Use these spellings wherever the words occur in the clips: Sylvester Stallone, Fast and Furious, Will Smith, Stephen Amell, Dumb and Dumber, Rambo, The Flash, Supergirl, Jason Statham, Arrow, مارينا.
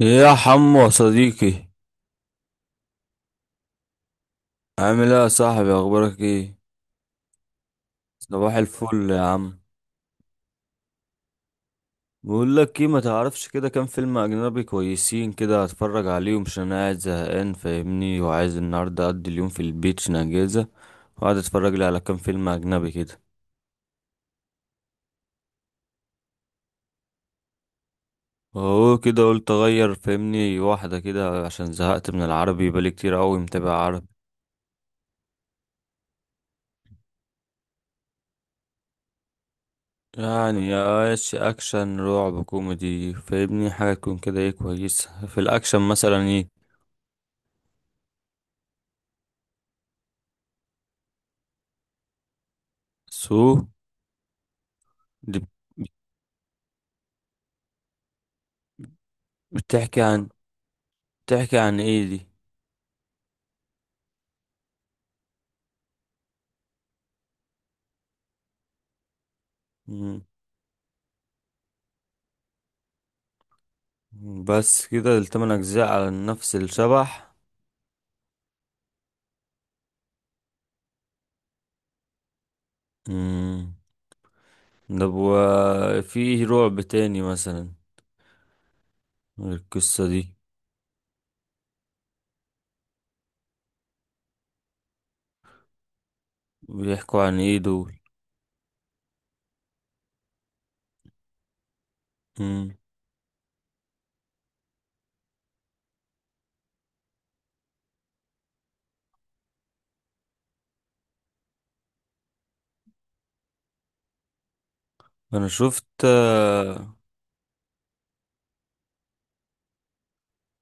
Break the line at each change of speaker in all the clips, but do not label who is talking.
يا حمو يا صديقي. عامل ايه يا صاحبي؟ اخبارك ايه؟ صباح الفل يا عم. بقول لك ايه، ما تعرفش كده كام فيلم اجنبي كويسين كده اتفرج عليهم؟ عشان انا قاعد زهقان فاهمني، وعايز النهارده اقضي اليوم في البيت عشان اجازه، وقعد اتفرج لي على كام فيلم اجنبي كده. اهو كده، قلت اغير فاهمني واحده كده عشان زهقت من العربي، بقالي كتير قوي متابع عربي. يعني يا ايش، اكشن، رعب، كوميدي فاهمني، حاجه تكون كده ايه كويسه في الاكشن مثلا؟ ايه سو. دي بتحكي عن بتحكي عن ايه دي؟ مم. بس كده، التمن اجزاء على نفس الشبح؟ مم. طب، وفي رعب تاني مثلا؟ غير القصة دي؟ بيحكوا عن ايه دول؟ مم. انا شفت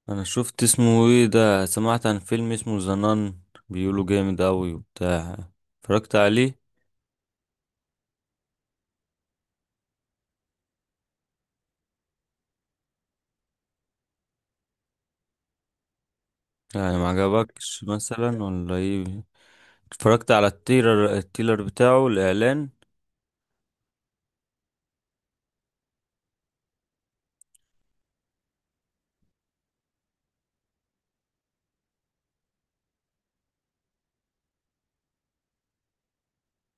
انا شفت اسمه ايه ده، سمعت عن فيلم اسمه زنان، بيقولوا جامد اوي وبتاع، اتفرجت عليه؟ يعني ما عجبكش مثلا ولا ايه؟ اتفرجت على التيلر بتاعه الاعلان؟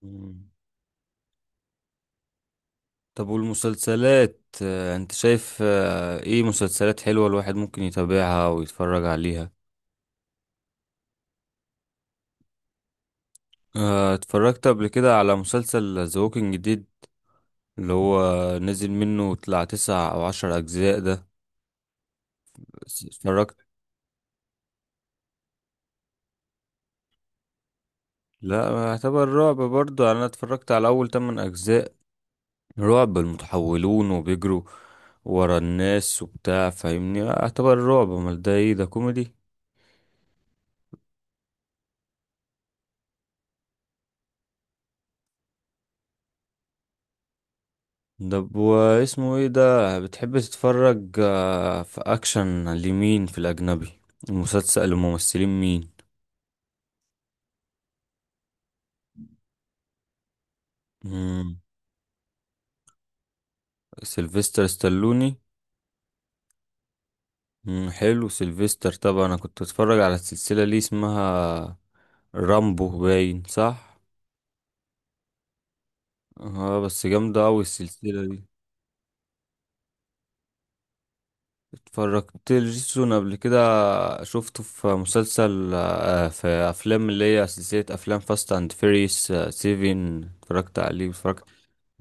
مم. طب والمسلسلات، انت شايف ايه مسلسلات حلوة الواحد ممكن يتابعها ويتفرج عليها؟ اتفرجت قبل كده على مسلسل ذا ووكينج ديد. اللي هو نزل منه طلع 9 او 10 اجزاء ده، بس اتفرجت. لا، اعتبر رعب برضه يعني. انا اتفرجت على اول 8 اجزاء. رعب المتحولون وبيجروا ورا الناس وبتاع فاهمني، اعتبر رعب، امال ده ايه؟ ده كوميدي؟ طب، واسمه ايه ده، بتحب تتفرج في اكشن لمين في الاجنبي؟ المسلسل الممثلين مين؟ مم. سيلفستر ستالوني. مم. حلو سيلفستر طبعا. انا كنت اتفرج على السلسلة اللي اسمها رامبو باين صح؟ اه، بس جامدة اوي السلسلة دي. اتفرجت لجيسون قبل كده، شفته في مسلسل في افلام، اللي هي سلسلة افلام فاست اند فيريس 7، اتفرجت عليه. اتفرجت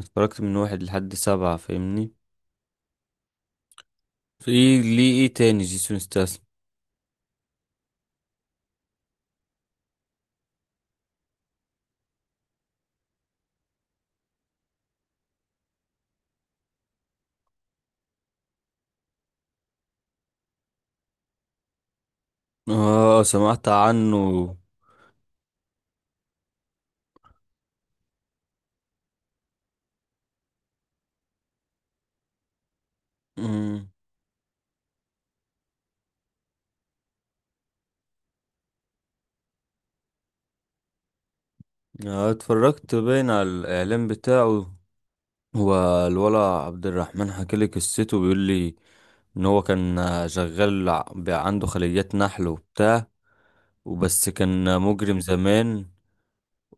اتفرجت من 1 لحد 7 فاهمني. في ايه ليه، ايه تاني جيسون ستاثام؟ اه، سمعت عنه. مم. اتفرجت باين على الاعلان بتاعه. هو الولا عبد الرحمن حكالي قصته، بيقول لي ان هو كان شغال بقى عنده خليات نحل وبتاع، وبس كان مجرم زمان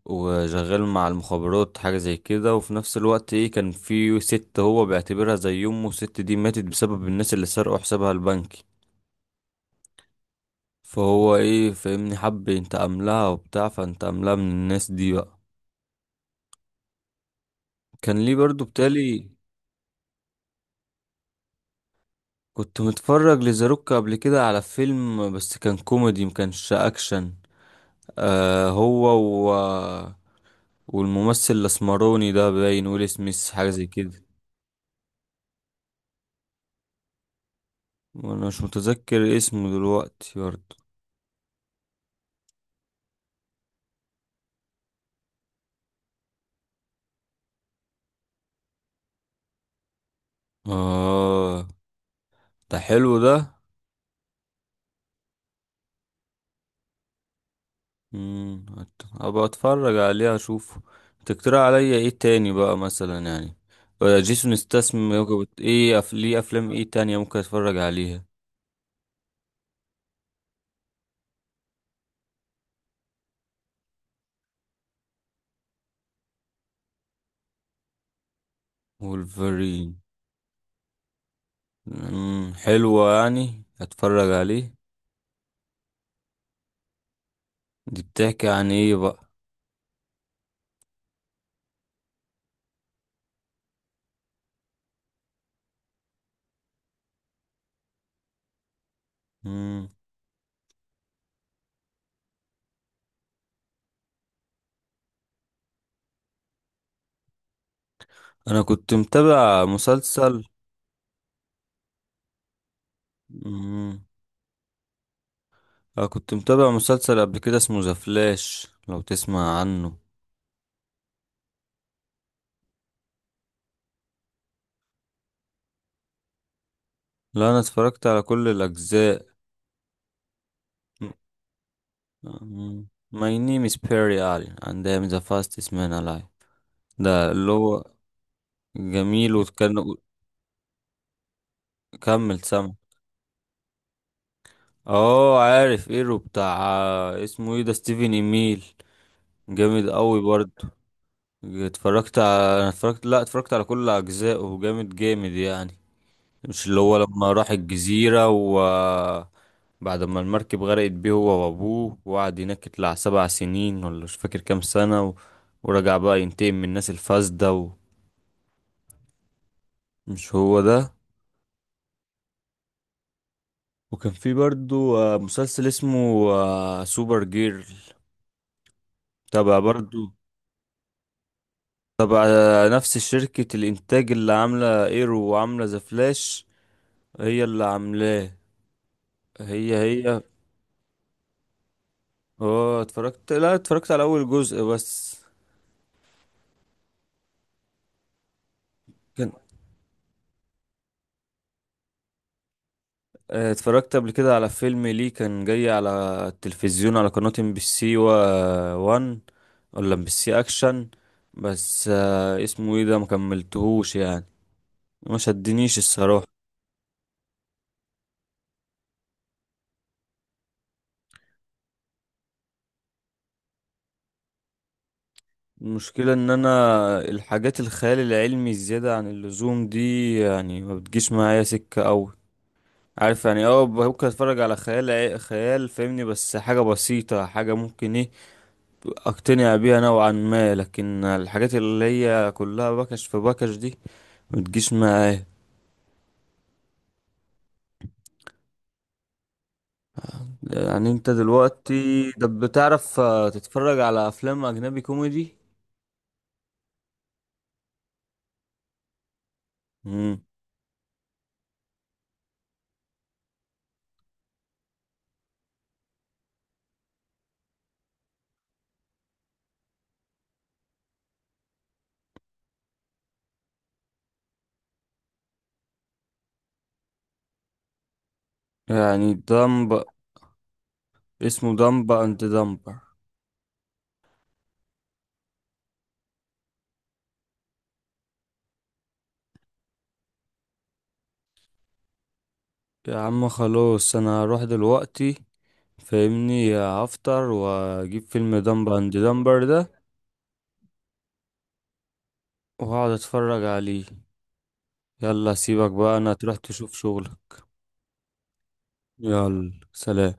وشغال مع المخابرات حاجة زي كده، وفي نفس الوقت ايه، كان في ست هو بيعتبرها زي امه، الست دي ماتت بسبب الناس اللي سرقوا حسابها البنكي، فهو ايه فاهمني حب ينتقم لها وبتاع، فانتقم لها من الناس دي بقى. كان ليه برضو بتالي. كنت متفرج لزاروك قبل كده على فيلم، بس كان كوميدي مكانش اكشن. آه هو و... والممثل الاسمروني ده باين ويل سميث حاجة زي كده. وانا مش متذكر اسمه دلوقتي برضو. اه، ده حلو ده. امم ابقى اتفرج عليه اشوفه. تقترح عليا ايه تاني بقى مثلا يعني؟ ولا جيسون استسم؟ ليه افلام ايه تانية ممكن اتفرج عليها؟ وولفرين. حلوة يعني، اتفرج عليه. دي بتحكي عن ايه بقى؟ امم. انا كنت متابع مسلسل امم انا كنت متابع مسلسل قبل كده اسمه ذا فلاش، لو تسمع عنه؟ لا، انا اتفرجت على كل الاجزاء. My name is Perry Allen and I am the fastest man alive. ده اللي هو جميل وكان، كمل سامع. اه، عارف ايرو بتاع. اسمه ايه ده؟ ستيفن ايميل. جامد قوي برضه. اتفرجت على انا اتفرجت لا اتفرجت على كل اجزائه، جامد جامد يعني. مش اللي هو لما راح الجزيرة و بعد ما المركب غرقت بيه هو وابوه، وقعد هناك يطلع 7 سنين ولا مش فاكر كام سنة، و... ورجع بقى ينتقم من الناس الفاسدة؟ مش هو ده؟ وكان في برضو مسلسل اسمه سوبر جيرل، تبع برضو، تبع نفس شركة الإنتاج اللي عاملة إيرو وعاملة ذا فلاش، هي اللي عاملاه. هي. اه، اتفرجت لا اتفرجت على أول جزء بس. كان آه، اتفرجت قبل كده على فيلم ليه، كان جاي على التلفزيون على قناة MBC 1، ولا MBC Action، بس اسمه ايه ده، مكملتهوش يعني، ما شدنيش الصراحة. المشكلة ان انا الحاجات الخيال العلمي الزيادة عن اللزوم دي يعني ما بتجيش معايا سكة اوي. عارف يعني اه، ممكن اتفرج على خيال خيال فاهمني، بس حاجة بسيطة، حاجة ممكن ايه اقتنع بيها نوعا ما، لكن الحاجات اللي هي كلها بكش في بكش دي ما بتجيش معايا. يعني انت دلوقتي ده بتعرف تتفرج على افلام اجنبي كوميدي؟ مم. يعني دمب. اسمه دمب اند دمب؟ يا عم خلاص، انا هروح دلوقتي فاهمني، هفطر واجيب فيلم دمبر اند دمبر ده، وهقعد اتفرج عليه. يلا سيبك بقى، انا تروح تشوف شغلك. يلا سلام.